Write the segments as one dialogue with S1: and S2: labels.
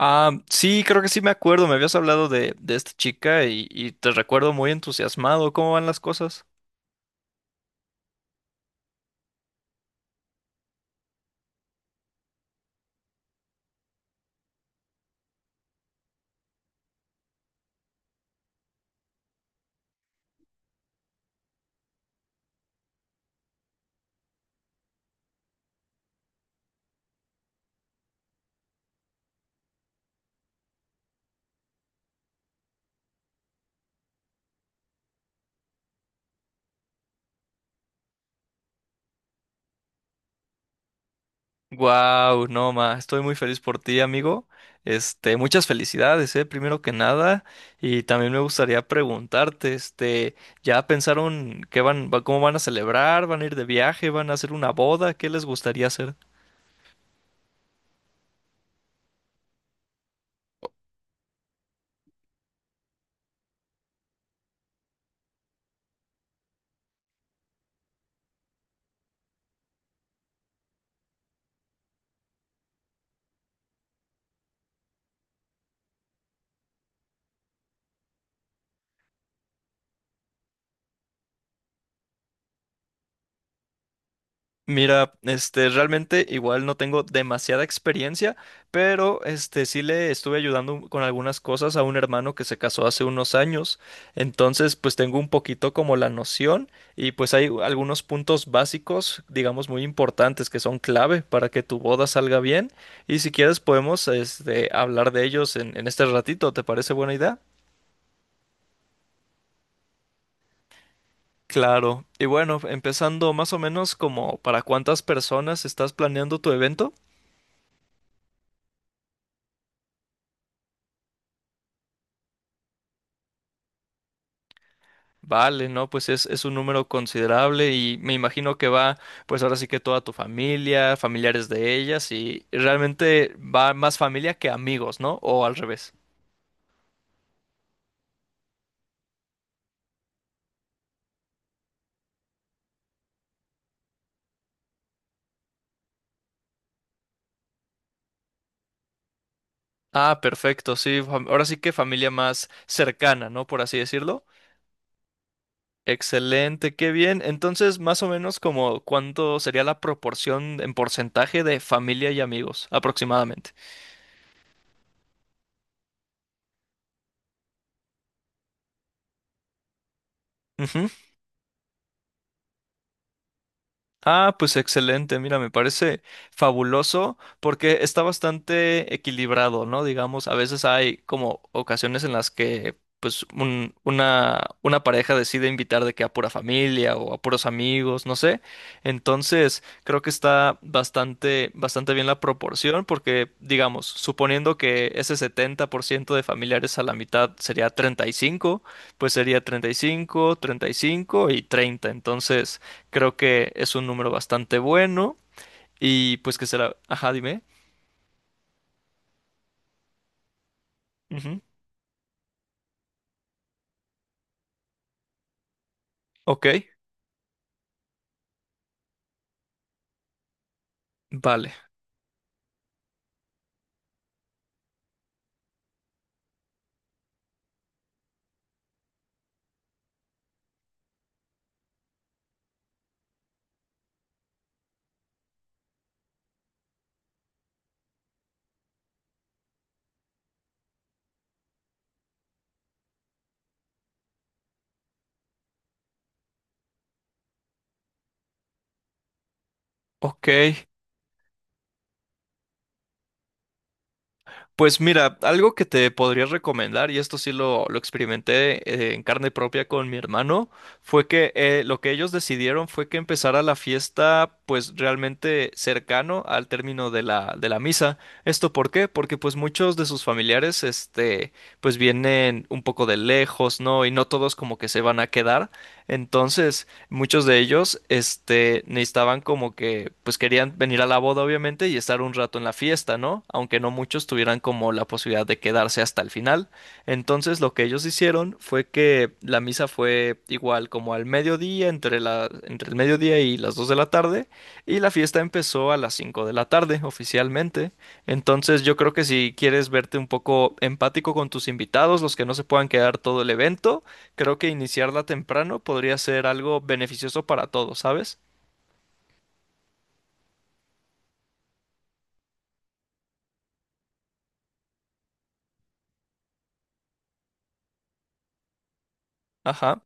S1: Ah, sí, creo que sí me acuerdo. Me habías hablado de esta chica y te recuerdo muy entusiasmado. ¿Cómo van las cosas? Wow, no, ma, estoy muy feliz por ti, amigo. Este, muchas felicidades, primero que nada. Y también me gustaría preguntarte, este, ¿ya pensaron qué cómo van a celebrar? ¿Van a ir de viaje? ¿Van a hacer una boda? ¿Qué les gustaría hacer? Mira, este, realmente igual no tengo demasiada experiencia, pero este sí le estuve ayudando con algunas cosas a un hermano que se casó hace unos años. Entonces, pues tengo un poquito como la noción y pues hay algunos puntos básicos, digamos, muy importantes que son clave para que tu boda salga bien. Y si quieres podemos este hablar de ellos en este ratito, ¿te parece buena idea? Claro. Y bueno, empezando más o menos como para cuántas personas estás planeando tu evento. Vale, no, pues es un número considerable y me imagino que va, pues ahora sí que toda tu familia, familiares de ellas y realmente va más familia que amigos, ¿no? O al revés. Ah, perfecto, sí, ahora sí que familia más cercana, ¿no? Por así decirlo. Excelente, qué bien. Entonces, más o menos como cuánto sería la proporción en porcentaje de familia y amigos, aproximadamente. Ah, pues excelente, mira, me parece fabuloso porque está bastante equilibrado, ¿no? Digamos, a veces hay como ocasiones en las que pues una pareja decide invitar de que a pura familia o a puros amigos, no sé. Entonces, creo que está bastante, bastante bien la proporción porque, digamos, suponiendo que ese 70% de familiares a la mitad sería 35, pues sería 35, 35 y 30. Entonces... Creo que es un número bastante bueno y pues que será... Ajá, dime. Ujú. Ok, vale. Ok. Pues mira, algo que te podría recomendar, y esto sí lo experimenté en carne propia con mi hermano, fue que lo que ellos decidieron fue que empezara la fiesta pues realmente cercano al término de la misa. ¿Esto por qué? Porque pues muchos de sus familiares este pues vienen un poco de lejos, ¿no? Y no todos como que se van a quedar. Entonces, muchos de ellos, este, necesitaban como que, pues querían venir a la boda, obviamente, y estar un rato en la fiesta, ¿no? Aunque no muchos tuvieran como la posibilidad de quedarse hasta el final. Entonces, lo que ellos hicieron fue que la misa fue igual como al mediodía, entre entre el mediodía y las 2 de la tarde, y la fiesta empezó a las 5 de la tarde, oficialmente. Entonces, yo creo que si quieres verte un poco empático con tus invitados, los que no se puedan quedar todo el evento, creo que iniciarla temprano podría ser algo beneficioso para todos, ¿sabes? Ajá.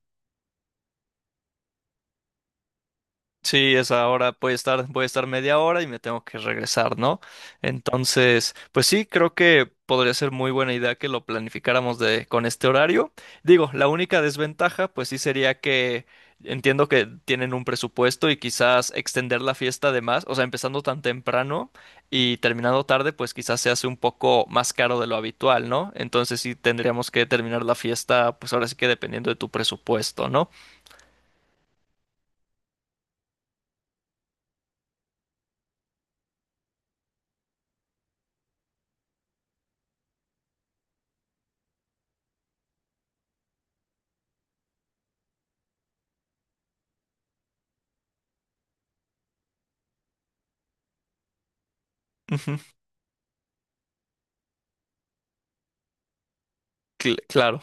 S1: Sí, es ahora puede estar, voy a estar media hora y me tengo que regresar, ¿no? Entonces, pues sí, creo que podría ser muy buena idea que lo planificáramos de, con este horario. Digo, la única desventaja, pues sí sería que entiendo que tienen un presupuesto y quizás extender la fiesta de más, o sea, empezando tan temprano y terminando tarde, pues quizás se hace un poco más caro de lo habitual, ¿no? Entonces sí tendríamos que terminar la fiesta, pues ahora sí que dependiendo de tu presupuesto, ¿no? Ujú, claro.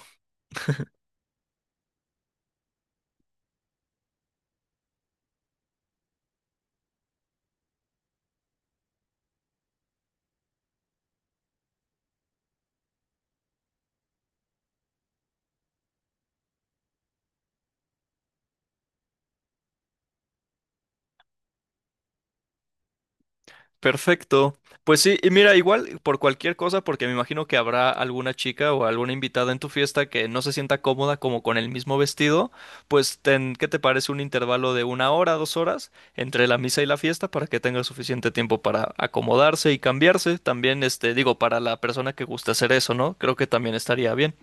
S1: Perfecto. Pues sí, y mira, igual por cualquier cosa, porque me imagino que habrá alguna chica o alguna invitada en tu fiesta que no se sienta cómoda como con el mismo vestido, pues ten, ¿qué te parece un intervalo de una hora, dos horas entre la misa y la fiesta para que tenga suficiente tiempo para acomodarse y cambiarse? También, este, digo, para la persona que gusta hacer eso, ¿no? Creo que también estaría bien.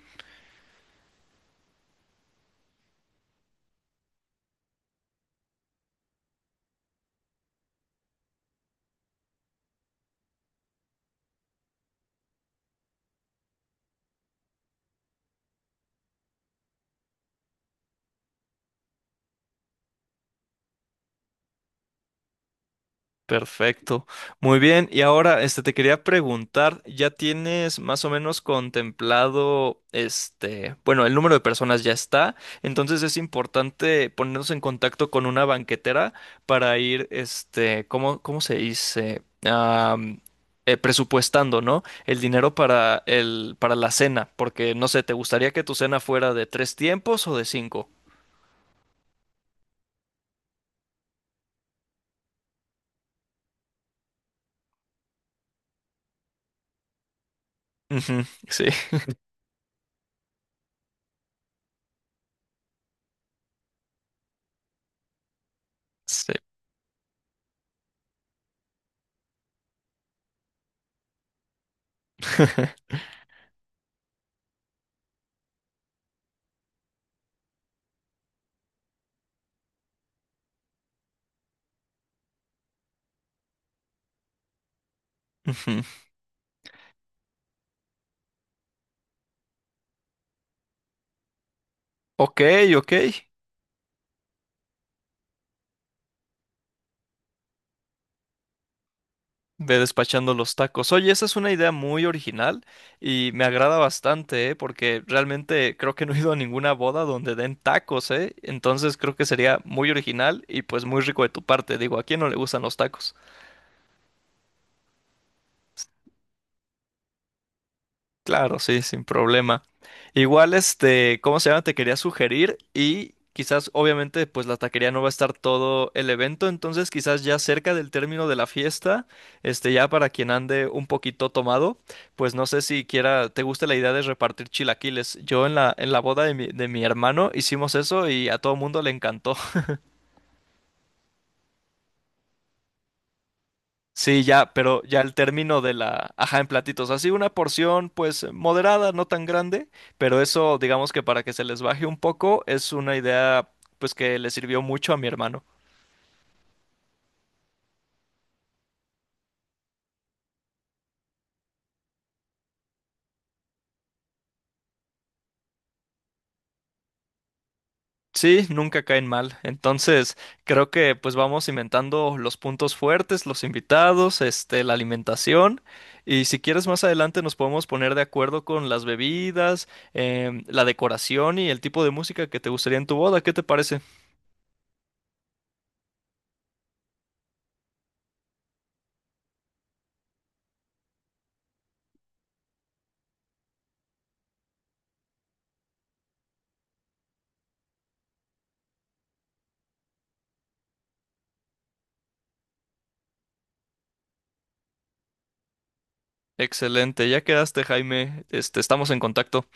S1: Perfecto. Muy bien. Y ahora, este, te quería preguntar, ¿ya tienes más o menos contemplado, este, bueno, el número de personas ya está, entonces es importante ponernos en contacto con una banquetera para ir, este, ¿cómo, cómo se dice? Am, presupuestando, ¿no? El dinero para para la cena, porque no sé, ¿te gustaría que tu cena fuera de tres tiempos o de cinco? Ujú, sí, sí. Ujú. Ok, ok. Ve despachando los tacos. Oye, esa es una idea muy original y me agrada bastante, ¿eh? Porque realmente creo que no he ido a ninguna boda donde den tacos, ¿eh? Entonces creo que sería muy original y pues muy rico de tu parte. Digo, ¿a quién no le gustan los tacos? Claro, sí, sin problema. Igual, este, ¿cómo se llama? Te quería sugerir y quizás, obviamente, pues la taquería no va a estar todo el evento, entonces quizás ya cerca del término de la fiesta, este, ya para quien ande un poquito tomado, pues no sé si quiera, te gusta la idea de repartir chilaquiles. Yo en la boda de mi hermano hicimos eso y a todo mundo le encantó. Sí, ya, pero ya al término de la, ajá, en platitos, así una porción pues moderada, no tan grande, pero eso digamos que para que se les baje un poco es una idea pues que le sirvió mucho a mi hermano. Sí, nunca caen mal. Entonces, creo que pues vamos inventando los puntos fuertes, los invitados, este, la alimentación y si quieres más adelante nos podemos poner de acuerdo con las bebidas, em, la decoración y el tipo de música que te gustaría en tu boda. ¿Qué te parece? Excelente, ya quedaste, Jaime. Este, estamos en contacto.